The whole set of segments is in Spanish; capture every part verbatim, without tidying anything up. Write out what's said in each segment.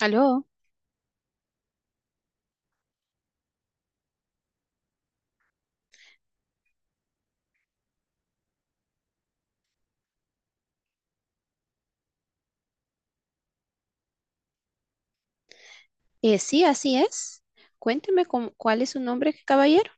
Aló, eh, sí, así es. Cuénteme cómo- cuál es su nombre, caballero.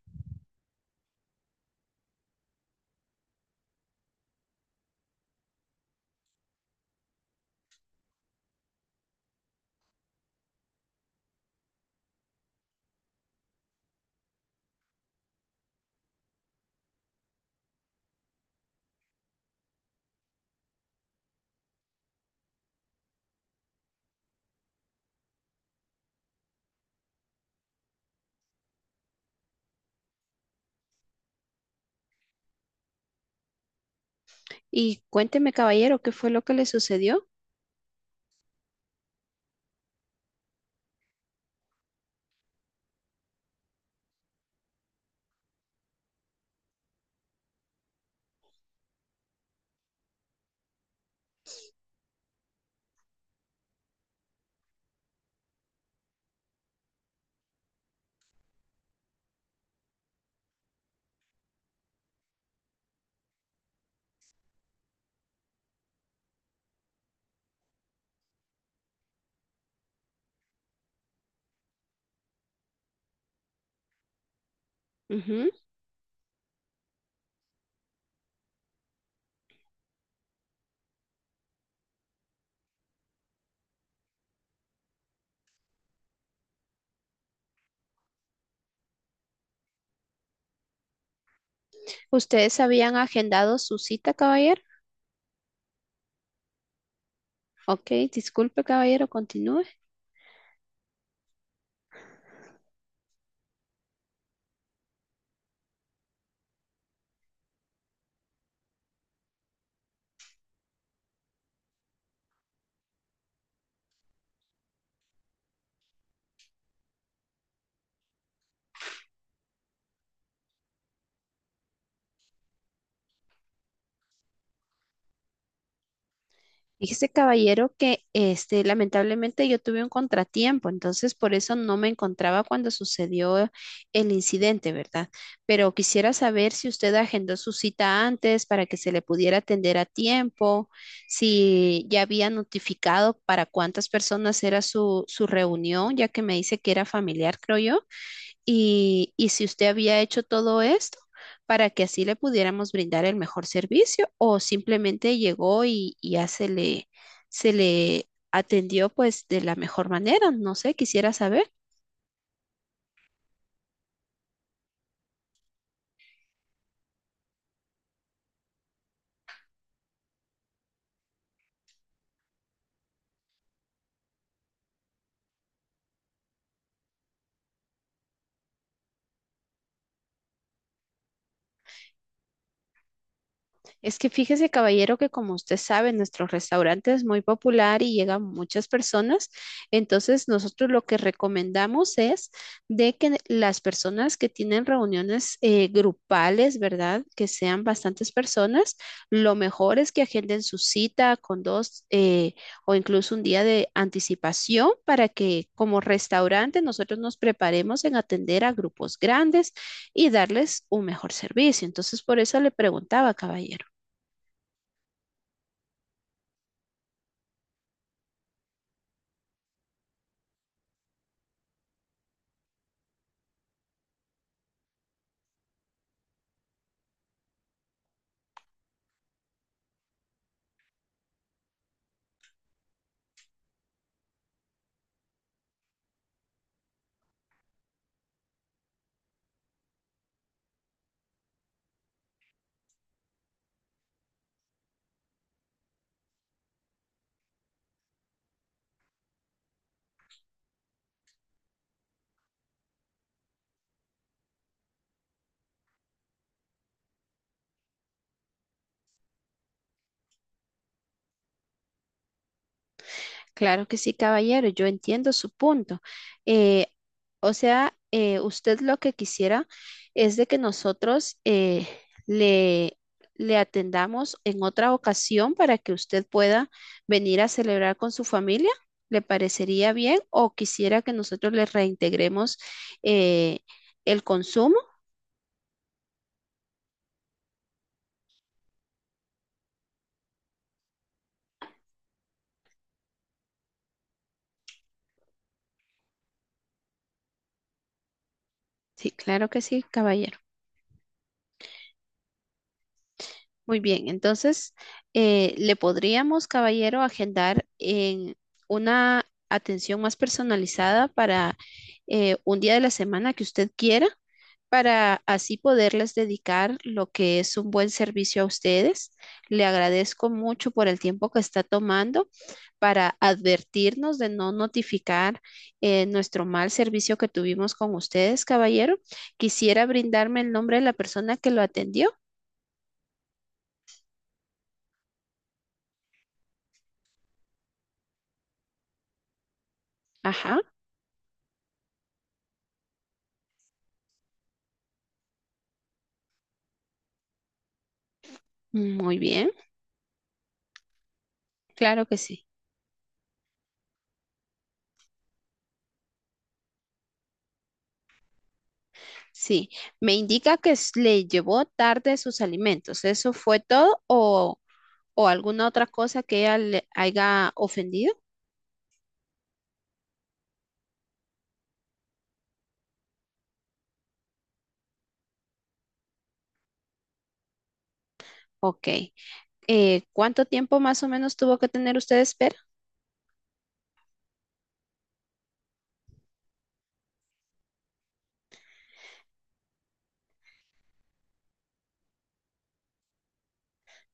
Y cuénteme, caballero, qué fue lo que le sucedió. Ujú. ¿Ustedes habían agendado su cita, caballero? Ok, disculpe, caballero, continúe. Fíjese, caballero, que este, lamentablemente yo tuve un contratiempo, entonces por eso no me encontraba cuando sucedió el incidente, ¿verdad? Pero quisiera saber si usted agendó su cita antes para que se le pudiera atender a tiempo, si ya había notificado para cuántas personas era su, su reunión, ya que me dice que era familiar, creo yo, y, y si usted había hecho todo esto para que así le pudiéramos brindar el mejor servicio o simplemente llegó y, y ya se le, se le atendió pues de la mejor manera. No sé, quisiera saber. Es que fíjese, caballero, que como usted sabe, nuestro restaurante es muy popular y llegan muchas personas. Entonces, nosotros lo que recomendamos es de que las personas que tienen reuniones eh, grupales, ¿verdad? Que sean bastantes personas, lo mejor es que agenden su cita con dos eh, o incluso un día de anticipación para que como restaurante nosotros nos preparemos en atender a grupos grandes y darles un mejor servicio. Entonces, por eso le preguntaba, caballero. Claro que sí, caballero, yo entiendo su punto. Eh, o sea, eh, usted lo que quisiera es de que nosotros eh, le, le atendamos en otra ocasión para que usted pueda venir a celebrar con su familia. ¿Le parecería bien o quisiera que nosotros le reintegremos eh, el consumo? Sí, claro que sí, caballero. Muy bien, entonces eh, le podríamos, caballero, agendar en una atención más personalizada para eh, un día de la semana que usted quiera, para así poderles dedicar lo que es un buen servicio a ustedes. Le agradezco mucho por el tiempo que está tomando para advertirnos de no notificar eh, nuestro mal servicio que tuvimos con ustedes, caballero. Quisiera brindarme el nombre de la persona que lo atendió. Ajá. Muy bien, claro que sí. Sí, me indica que s- le llevó tarde sus alimentos. ¿Eso fue todo o, o alguna otra cosa que ella le haya ofendido? Ok. Eh, ¿cuánto tiempo más o menos tuvo que tener usted de espera?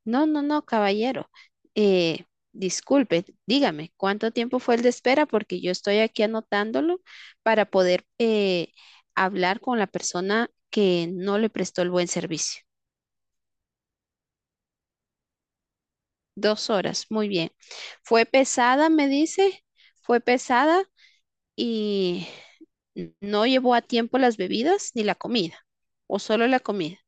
No, no, no, caballero. Eh, disculpe, dígame, ¿cuánto tiempo fue el de espera? Porque yo estoy aquí anotándolo para poder eh, hablar con la persona que no le prestó el buen servicio. Dos horas, muy bien. Fue pesada, me dice, fue pesada y no llevó a tiempo las bebidas ni la comida, o solo la comida.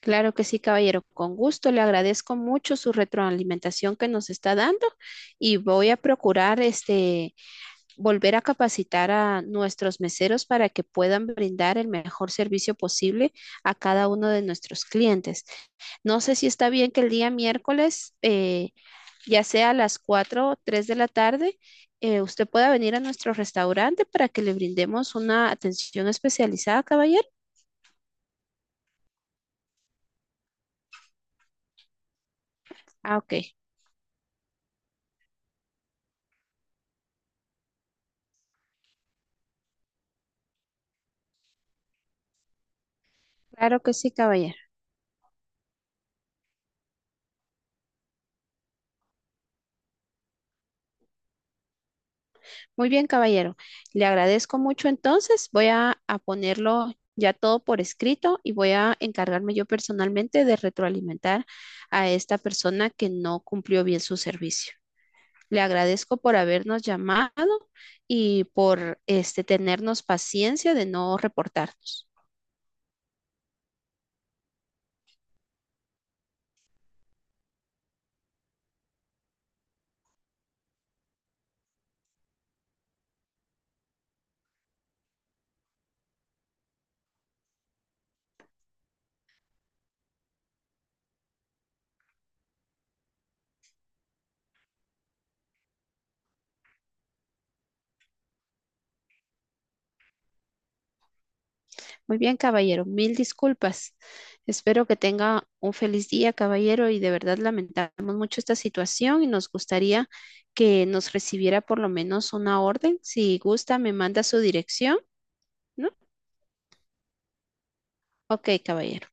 Claro que sí, caballero, con gusto. Le agradezco mucho su retroalimentación que nos está dando y voy a procurar este volver a capacitar a nuestros meseros para que puedan brindar el mejor servicio posible a cada uno de nuestros clientes. No sé si está bien que el día miércoles eh, ya sea a las cuatro o tres de la tarde, eh, usted pueda venir a nuestro restaurante para que le brindemos una atención especializada, caballero. Ah, ok, claro que sí, caballero. Muy bien, caballero. Le agradezco mucho entonces. Voy a, a ponerlo ya todo por escrito y voy a encargarme yo personalmente de retroalimentar a esta persona que no cumplió bien su servicio. Le agradezco por habernos llamado y por este tenernos paciencia de no reportarnos. Muy bien, caballero, mil disculpas. Espero que tenga un feliz día, caballero, y de verdad lamentamos mucho esta situación y nos gustaría que nos recibiera por lo menos una orden. Si gusta, me manda su dirección, ¿no? Ok, caballero.